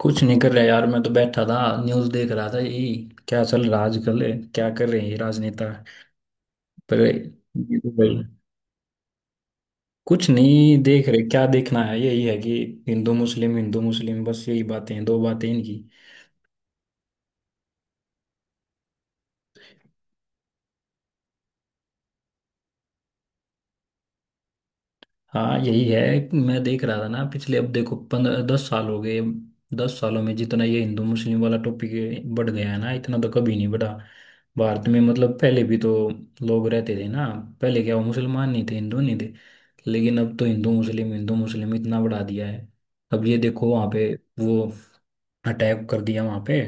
कुछ नहीं कर रहा यार, मैं तो बैठा था। न्यूज़ देख रहा था यही। क्या चल रहा है आजकल है, क्या कर रहे हैं ये राजनेता? पर ये तो भाई कुछ नहीं देख रहे, क्या देखना है? यही है कि हिंदू मुस्लिम, हिंदू मुस्लिम, बस यही बातें हैं, दो बातें इनकी। हाँ यही है। मैं देख रहा था ना पिछले, अब देखो 15 10 साल हो गए। 10 सालों में जितना ये हिंदू मुस्लिम वाला टॉपिक बढ़ गया है ना, इतना तो कभी नहीं बढ़ा भारत में। मतलब पहले भी तो लोग रहते थे ना, पहले क्या वो मुसलमान नहीं थे, हिंदू नहीं थे? लेकिन अब तो हिंदू मुस्लिम, हिंदू मुस्लिम इतना बढ़ा दिया है। अब ये देखो वहाँ पे वो अटैक कर दिया वहाँ पे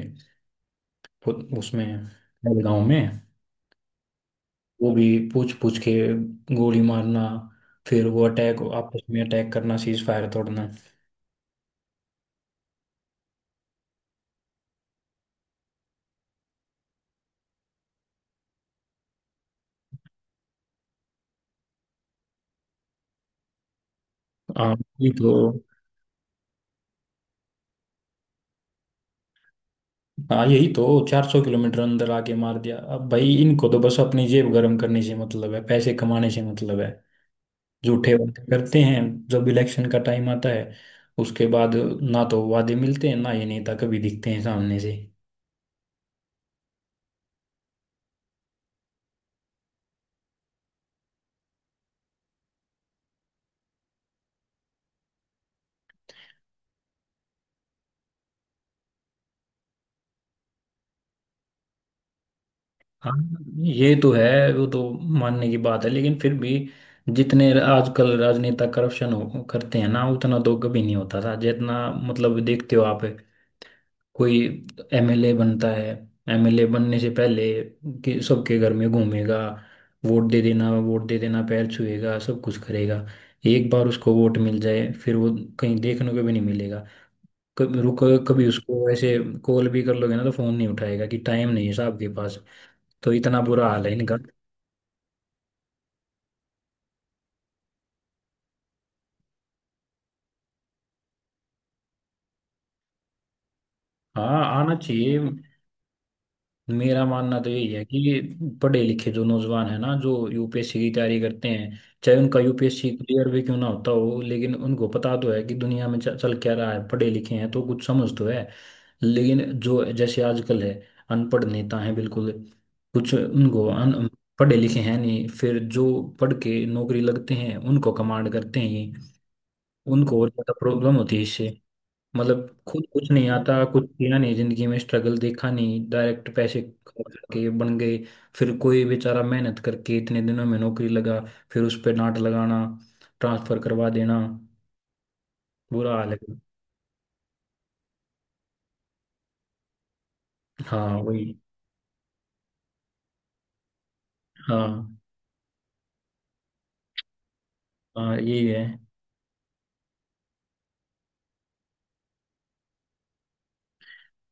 उ- उसमें गांव में। वो भी पूछ पूछ के गोली मारना, फिर वो अटैक, आपस में अटैक करना, सीज फायर तोड़ना। हाँ यही तो। हाँ यही तो, 400 किलोमीटर अंदर आके मार दिया। अब भाई इनको तो बस अपनी जेब गर्म करने से मतलब है, पैसे कमाने से मतलब है। झूठे वादे करते हैं जब इलेक्शन का टाइम आता है, उसके बाद ना तो वादे मिलते हैं ना ये नेता कभी दिखते हैं सामने से। हाँ ये तो है, वो तो मानने की बात है, लेकिन फिर भी जितने आजकल राजनेता करप्शन करते हैं ना, उतना तो कभी नहीं होता था जितना मतलब देखते हो आप। कोई एमएलए बनता है, एमएलए बनने से पहले कि सबके घर में घूमेगा, वोट दे देना वोट दे देना, पैर छुएगा, सब कुछ करेगा। एक बार उसको वोट मिल जाए फिर वो कहीं देखने को भी नहीं मिलेगा। कभी रुक, कभी उसको ऐसे कॉल भी कर लोगे ना तो फोन नहीं उठाएगा कि टाइम नहीं है साहब के पास। तो इतना बुरा हाल है इनका। हाँ आना चाहिए। मेरा मानना तो यही है कि पढ़े लिखे जो नौजवान है ना जो यूपीएससी की तैयारी करते हैं, चाहे उनका यूपीएससी क्लियर भी क्यों ना होता हो, लेकिन उनको पता तो है कि दुनिया में चल क्या रहा है, पढ़े लिखे हैं तो कुछ समझ तो है। लेकिन जो जैसे आजकल है, अनपढ़ नेता हैं बिल्कुल। कुछ उनको अन, पढ़े लिखे हैं नहीं, फिर जो पढ़ के नौकरी लगते हैं उनको कमांड करते हैं। उनको और ज्यादा प्रॉब्लम होती है इससे। मतलब खुद कुछ नहीं आता, कुछ किया नहीं, जिंदगी में स्ट्रगल देखा नहीं, डायरेक्ट पैसे खा के बन गए। फिर कोई बेचारा मेहनत करके इतने दिनों में नौकरी लगा, फिर उस पे डांट लगाना, ट्रांसफर करवा देना। बुरा हाल है। हाँ वही। हाँ। हाँ यही है।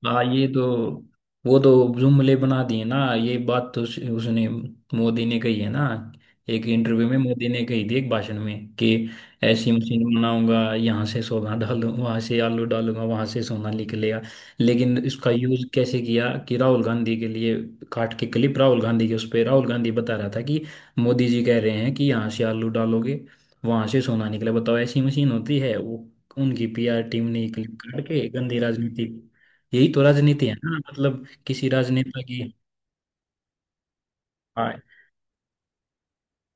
हाँ ये तो, वो तो जुमले बना दिए ना। ये बात तो उसने, मोदी ने कही है ना। एक इंटरव्यू में मोदी ने कही थी, एक भाषण में, कि ऐसी मशीन बनाऊंगा यहाँ से सोना डालू, वहां से आलू डालूंगा, वहां से सोना निकलेगा। लेकिन इसका यूज कैसे किया कि राहुल गांधी के लिए, काट के क्लिप राहुल गांधी के, उस पे राहुल गांधी बता रहा था कि मोदी जी कह रहे हैं कि यहाँ से आलू डालोगे वहां से सोना निकले, बताओ ऐसी मशीन होती है वो। उनकी पीआर टीम ने क्लिप काट के गंदी राजनीति। यही तो राजनीति है ना मतलब किसी राजनेता की। हाँ,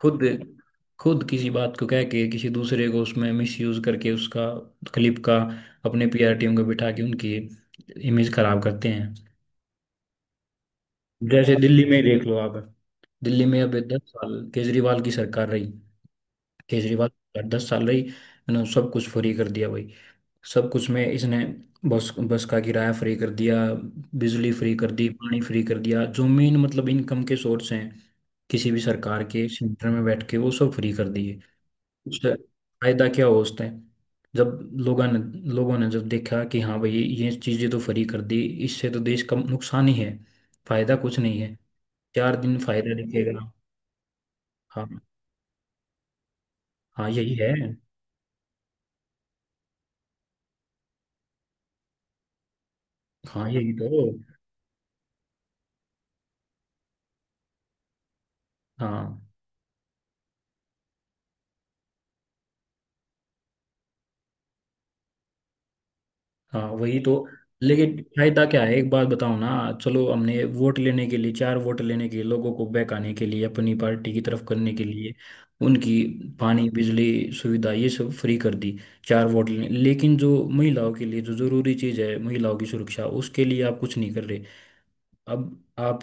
खुद खुद किसी बात को कह के किसी दूसरे को उसमें मिसयूज करके उसका क्लिप का, अपने पीआर टीम को बिठा के उनकी इमेज खराब करते हैं। जैसे दिल्ली में ही देख लो आप, दिल्ली में अब 10 साल केजरीवाल की सरकार रही। केजरीवाल की सरकार 10 साल रही, इन्होंने सब कुछ फ्री कर दिया भाई। सब कुछ में इसने बस, बस का किराया फ्री कर दिया, बिजली फ्री कर दी, पानी फ्री कर दिया, जो मेन मतलब इनकम के सोर्स हैं किसी भी सरकार के, सेंटर में बैठ के वो सब फ्री कर दिए। उससे फायदा क्या हो उस टाइम, जब लोगों ने, लोगों ने जब देखा कि हाँ भाई ये चीज़ें तो फ्री कर दी, इससे तो देश का नुकसान ही है, फायदा कुछ नहीं है, चार दिन फायदा दिखेगा। हाँ। हाँ यही है। हाँ यही तो। हाँ हाँ वही तो। लेकिन फायदा क्या है, एक बात बताओ ना। चलो हमने वोट लेने के लिए, चार वोट लेने के लिए, लोगों को बहकाने के लिए, अपनी पार्टी की तरफ करने के लिए उनकी पानी बिजली सुविधा ये सब फ्री कर दी, चार वोट लेने। लेकिन जो महिलाओं के लिए जो जरूरी चीज़ है, महिलाओं की सुरक्षा, उसके लिए आप कुछ नहीं कर रहे। अब आप,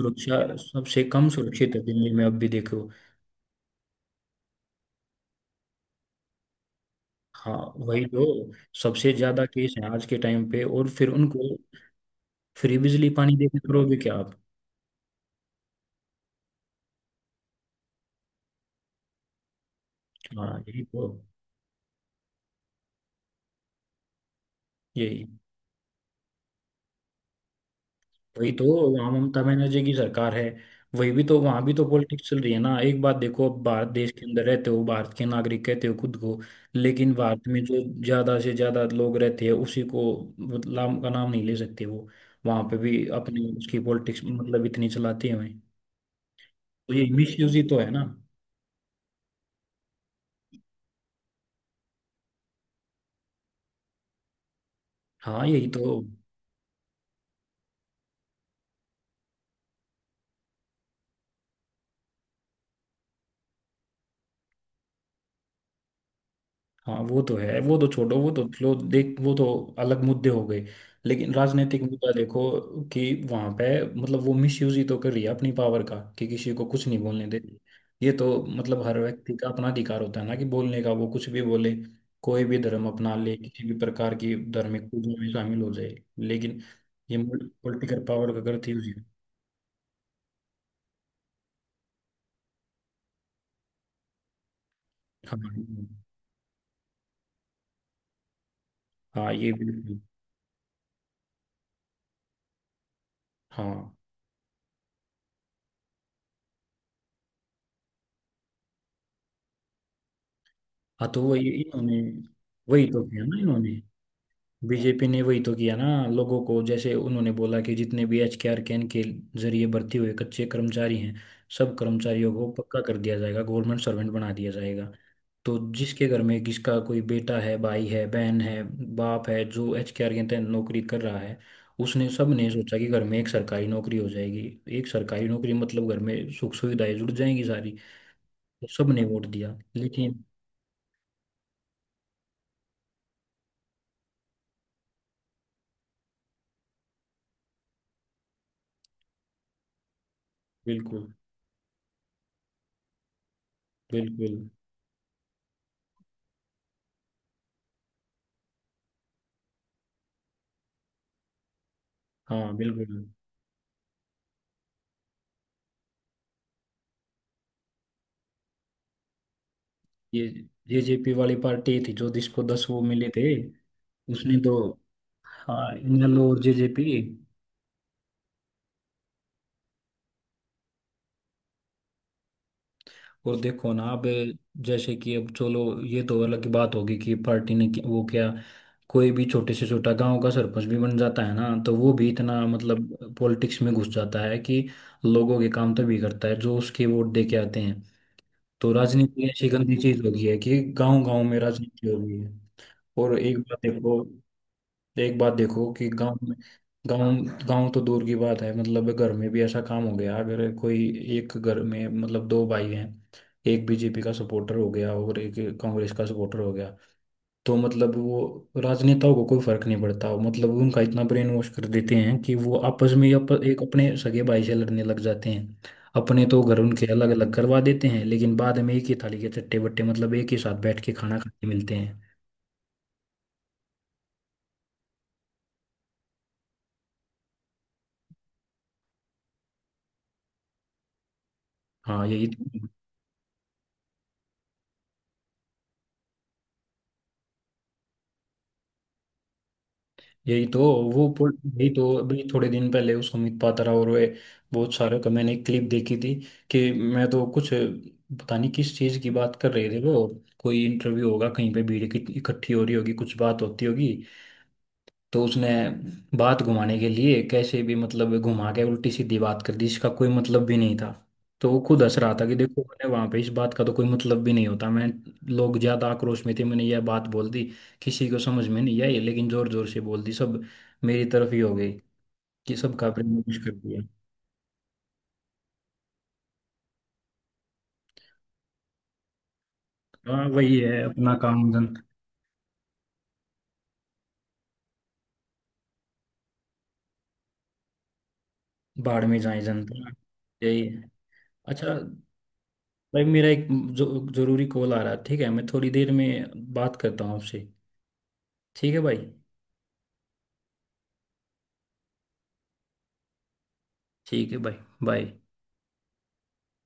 सुरक्षा सबसे कम सुरक्षित है दिल्ली में, अब भी देखो। हाँ वही तो, सबसे ज्यादा केस है आज के टाइम पे। और फिर उनको फ्री बिजली पानी देने करोगे क्या आप? हाँ यही तो। यही वही तो, आम ममता बनर्जी की सरकार है, वही भी तो, वहां भी तो पॉलिटिक्स चल रही है ना। एक बात देखो, अब भारत देश के अंदर रहते हो, भारत के नागरिक कहते हो खुद को, लेकिन भारत में जो ज्यादा से ज्यादा लोग रहते हैं उसी को नाम का नाम नहीं ले सकते वो, वहां पे भी अपनी उसकी पॉलिटिक्स मतलब इतनी चलाते हुए। तो ये मिस यूज ही तो है ना। हाँ यही तो। हाँ वो तो है, वो तो छोड़ो, वो तो लो देख, वो तो अलग मुद्दे हो गए। लेकिन राजनीतिक मुद्दा देखो कि वहां पे मतलब वो मिसयूज ही तो कर रही है अपनी पावर का कि किसी को कुछ नहीं बोलने देती। ये तो, मतलब हर व्यक्ति का अपना अधिकार होता है ना कि बोलने का, वो कुछ भी बोले, कोई भी धर्म अपना ले, किसी भी प्रकार की धार्मिक पूजा में शामिल हो जाए, लेकिन ये पॉलिटिकल पावर का गलत यूज है। हाँ। हाँ ये बिल्कुल। हाँ हाँ तो वही इन्होंने, वही तो किया ना इन्होंने। बीजेपी ने वही तो किया ना लोगों को, जैसे उन्होंने बोला कि जितने भी एच के आर कैन के जरिए भर्ती हुए कच्चे कर्मचारी हैं, सब कर्मचारियों को पक्का कर दिया जाएगा, गवर्नमेंट सर्वेंट बना दिया जाएगा। तो जिसके घर में किसका कोई बेटा है, भाई है, बहन है, बाप है, जो एच के आर के तहत नौकरी कर रहा है, उसने सब ने सोचा कि घर में एक सरकारी नौकरी हो जाएगी। एक सरकारी नौकरी मतलब घर में सुख सुविधाएं जुड़ जाएंगी सारी, तो सब ने वोट दिया लेकिन। बिल्कुल। बिल्कुल। हाँ बिल्कुल। ये जेजेपी वाली पार्टी थी, जो जिसको 10 वो मिले थे, उसने तो, हाँ इनेलो और जेजेपी। और देखो ना अब, जैसे कि अब चलो, ये तो अलग की बात होगी कि पार्टी ने वो क्या, कोई भी छोटे से छोटा गांव का सरपंच भी बन जाता है ना तो वो भी इतना मतलब पॉलिटिक्स में घुस जाता है कि लोगों के काम तो भी करता है जो उसके वोट दे के आते हैं। तो राजनीति ऐसी गंदी चीज हो गई है कि गांव गांव में राजनीति हो गई है। और एक बात देखो, तो एक बात देखो कि गांव में, गांव गांव तो दूर की बात है, मतलब घर में भी ऐसा काम हो गया। अगर कोई एक घर में मतलब दो भाई हैं, एक बीजेपी का सपोर्टर हो गया और एक कांग्रेस का सपोर्टर हो गया, तो मतलब वो राजनेताओं को कोई फर्क नहीं पड़ता, मतलब उनका इतना ब्रेन वॉश कर देते हैं कि वो आपस में ही एक अपने सगे भाई से लड़ने लग जाते हैं। अपने तो घर उनके अलग अलग करवा देते हैं, लेकिन बाद में एक ही थाली के चट्टे बट्टे, मतलब एक ही साथ बैठ के खाना खाते मिलते हैं। हाँ यही तो। यही तो। वो पुल यही तो, अभी थोड़े दिन पहले उस अमित पात्रा और वे बहुत सारे का मैंने क्लिप देखी थी कि, मैं तो कुछ पता नहीं किस चीज़ की बात कर रहे थे वो। कोई इंटरव्यू होगा कहीं पे, भीड़ इकट्ठी इकट्ठी हो रही होगी, कुछ बात होती होगी। तो उसने बात घुमाने के लिए कैसे भी मतलब घुमा के उल्टी सीधी बात कर दी, इसका कोई मतलब भी नहीं था। तो वो खुद हंस रहा था कि देखो मैंने वहां पे इस बात का तो कोई मतलब भी नहीं होता, मैं, लोग ज्यादा आक्रोश में थे मैंने यह बात बोल दी, किसी को समझ में नहीं आई, लेकिन जोर जोर से बोल दी, सब मेरी तरफ ही हो गई, कि सबका प्रेम कुछ कर दिया। हाँ वही है, अपना काम, जन, बाढ़ में जाए जनता। यही है। अच्छा भाई मेरा एक जरूरी कॉल आ रहा है, ठीक है, मैं थोड़ी देर में बात करता हूँ आपसे। ठीक है भाई। ठीक है भाई, बाय।